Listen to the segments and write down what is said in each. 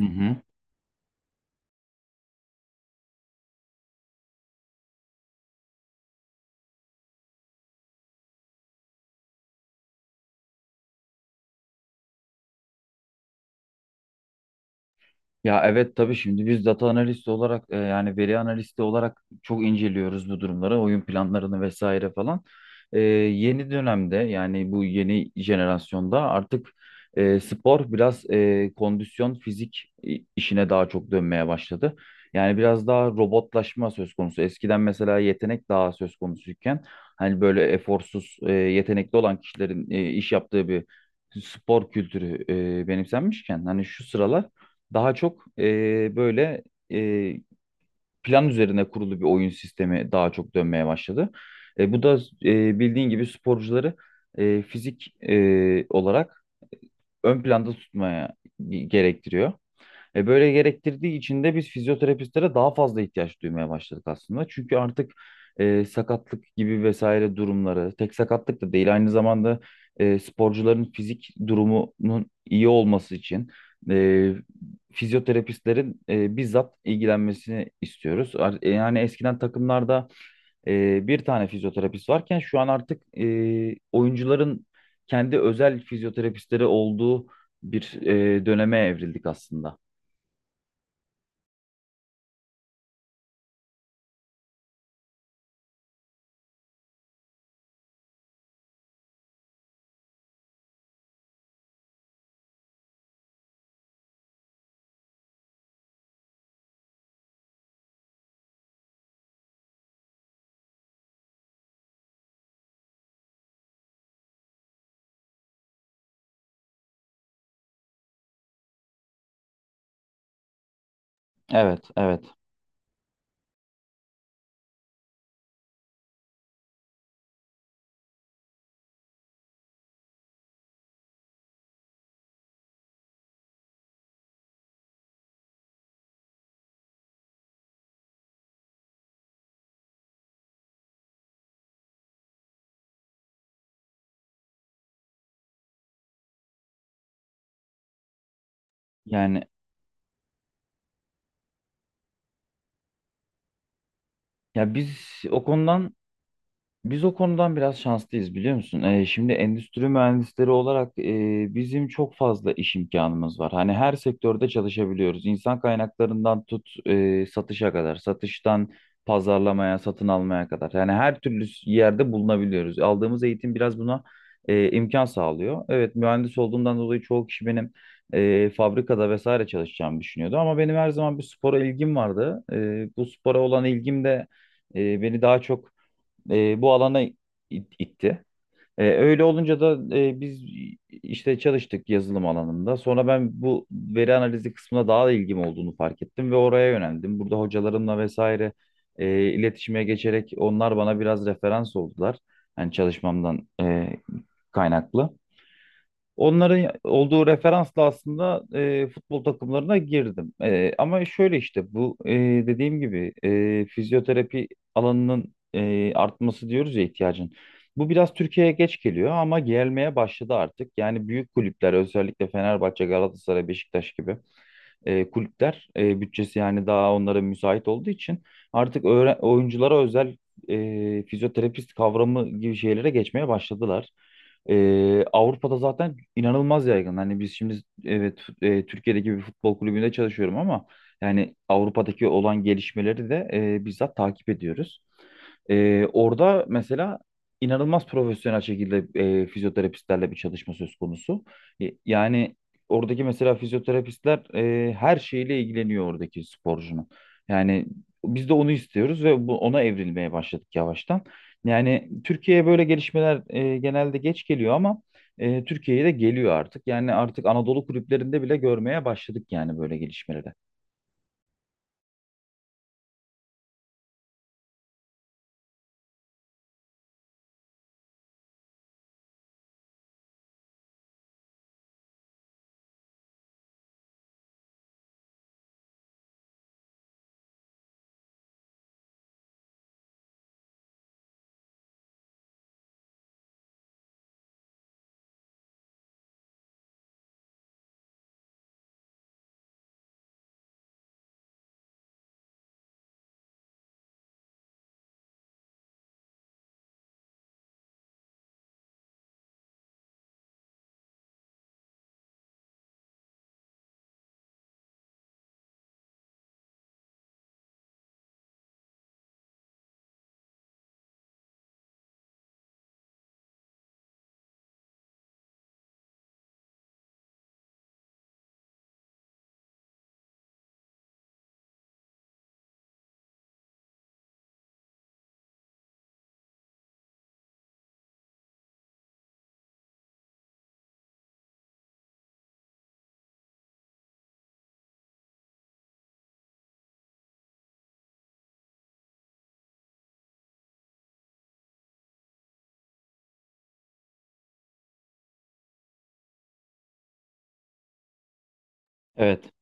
Hı hı. Ya evet, tabii, şimdi biz data analisti olarak yani veri analisti olarak çok inceliyoruz bu durumları, oyun planlarını vesaire falan. Yeni dönemde, yani bu yeni jenerasyonda artık spor biraz kondisyon fizik işine daha çok dönmeye başladı. Yani biraz daha robotlaşma söz konusu. Eskiden mesela yetenek daha söz konusuyken hani böyle eforsuz, yetenekli olan kişilerin iş yaptığı bir spor kültürü benimsenmişken, hani şu sıralar daha çok böyle e, plan üzerine kurulu bir oyun sistemi daha çok dönmeye başladı. Bu da bildiğin gibi sporcuları fizik olarak ön planda tutmaya gerektiriyor. E, böyle gerektirdiği için de biz fizyoterapistlere daha fazla ihtiyaç duymaya başladık aslında. Çünkü artık sakatlık gibi vesaire durumları, tek sakatlık da değil, aynı zamanda sporcuların fizik durumunun iyi olması için e, fizyoterapistlerin bizzat ilgilenmesini istiyoruz. Yani eskiden takımlarda bir tane fizyoterapist varken şu an artık oyuncuların kendi özel fizyoterapistleri olduğu bir döneme evrildik aslında. Evet, evet. Yani ya biz o konudan biz o konudan biraz şanslıyız, biliyor musun? Şimdi endüstri mühendisleri olarak bizim çok fazla iş imkanımız var. Hani her sektörde çalışabiliyoruz. İnsan kaynaklarından tut satışa kadar, satıştan pazarlamaya, satın almaya kadar. Yani her türlü yerde bulunabiliyoruz. Aldığımız eğitim biraz buna imkan sağlıyor. Evet, mühendis olduğumdan dolayı çoğu kişi benim fabrikada vesaire çalışacağımı düşünüyordu. Ama benim her zaman bir spora ilgim vardı. E, bu spora olan ilgim de beni daha çok bu alana itti. Öyle olunca da biz işte çalıştık yazılım alanında. Sonra ben bu veri analizi kısmına daha da ilgim olduğunu fark ettim ve oraya yöneldim. Burada hocalarımla vesaire iletişime geçerek onlar bana biraz referans oldular. Yani çalışmamdan kaynaklı. Onların olduğu referansla aslında futbol takımlarına girdim. E, ama şöyle işte bu, dediğim gibi, fizyoterapi alanının artması diyoruz ya, ihtiyacın. Bu biraz Türkiye'ye geç geliyor ama gelmeye başladı artık. Yani büyük kulüpler, özellikle Fenerbahçe, Galatasaray, Beşiktaş gibi kulüpler, bütçesi yani daha onlara müsait olduğu için artık oyunculara özel fizyoterapist kavramı gibi şeylere geçmeye başladılar. E, Avrupa'da zaten inanılmaz yaygın. Hani biz şimdi evet, Türkiye'deki bir futbol kulübünde çalışıyorum ama yani Avrupa'daki olan gelişmeleri de bizzat takip ediyoruz. E, orada mesela inanılmaz profesyonel şekilde fizyoterapistlerle bir çalışma söz konusu. E, yani oradaki mesela fizyoterapistler her şeyle ilgileniyor oradaki sporcunun. Yani biz de onu istiyoruz ve bu, ona evrilmeye başladık yavaştan. Yani Türkiye'ye böyle gelişmeler genelde geç geliyor ama Türkiye'ye de geliyor artık. Yani artık Anadolu kulüplerinde bile görmeye başladık yani böyle gelişmeleri. Evet.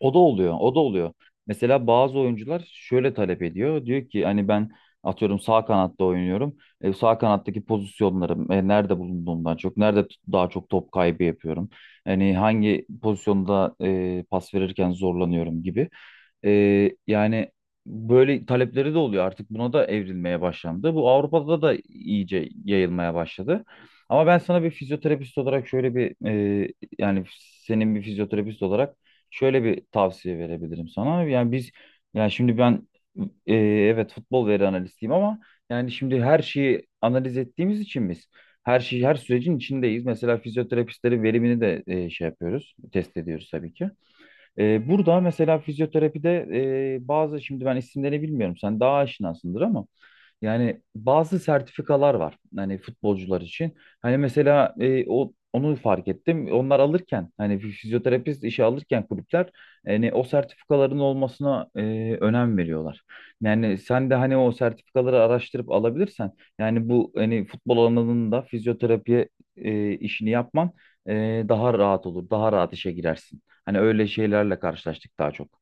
O da oluyor, o da oluyor. Mesela bazı oyuncular şöyle talep ediyor. Diyor ki hani ben atıyorum sağ kanatta oynuyorum. E, sağ kanattaki pozisyonlarım nerede bulunduğumdan çok, nerede daha çok top kaybı yapıyorum. Hani hangi pozisyonda pas verirken zorlanıyorum gibi. E, yani böyle talepleri de oluyor. Artık buna da evrilmeye başlandı. Bu Avrupa'da da iyice yayılmaya başladı. Ama ben sana bir fizyoterapist olarak şöyle bir, e, yani senin bir fizyoterapist olarak şöyle bir tavsiye verebilirim sana. Yani biz yani şimdi ben evet futbol veri analistiyim ama yani şimdi her şeyi analiz ettiğimiz için biz her şeyi, her sürecin içindeyiz. Mesela fizyoterapistlerin verimini de şey yapıyoruz, test ediyoruz tabii ki. E, burada mesela fizyoterapide bazı, şimdi ben isimlerini bilmiyorum, sen daha aşinasındır ama yani bazı sertifikalar var hani futbolcular için. Hani mesela e, o onu fark ettim. Onlar alırken, hani fizyoterapist işe alırken kulüpler hani o sertifikaların olmasına önem veriyorlar. Yani sen de hani o sertifikaları araştırıp alabilirsen yani bu, hani futbol alanında fizyoterapi işini yapman daha rahat olur. Daha rahat işe girersin. Hani öyle şeylerle karşılaştık daha çok.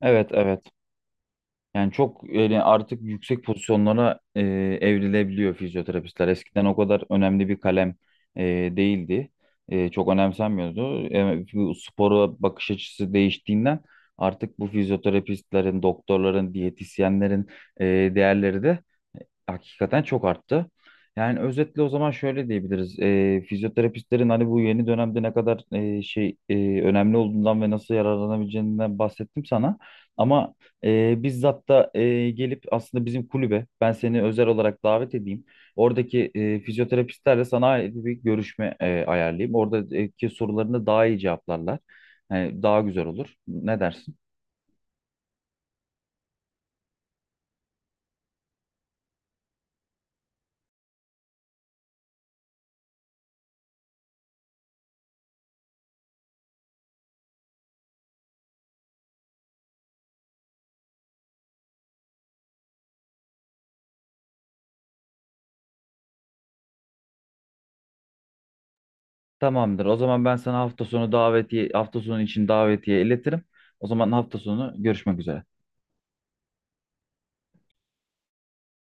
Evet, evet. Yani çok öyle artık yüksek pozisyonlara evrilebiliyor fizyoterapistler. Eskiden o kadar önemli bir kalem e, değildi. E, çok önemsenmiyordu. E, bu spora bakış açısı değiştiğinden artık bu fizyoterapistlerin, doktorların, diyetisyenlerin e, değerleri de hakikaten çok arttı. Yani özetle o zaman şöyle diyebiliriz. Fizyoterapistlerin hani bu yeni dönemde ne kadar önemli olduğundan ve nasıl yararlanabileceğinden bahsettim sana. Ama bizzat da gelip aslında bizim kulübe ben seni özel olarak davet edeyim. Oradaki fizyoterapistlerle sana ait bir görüşme ayarlayayım. Oradaki sorularını daha iyi cevaplarlar. Yani daha güzel olur. Ne dersin? Tamamdır. O zaman ben sana hafta sonu davetiye, hafta sonu için davetiye iletirim. O zaman hafta sonu görüşmek üzere.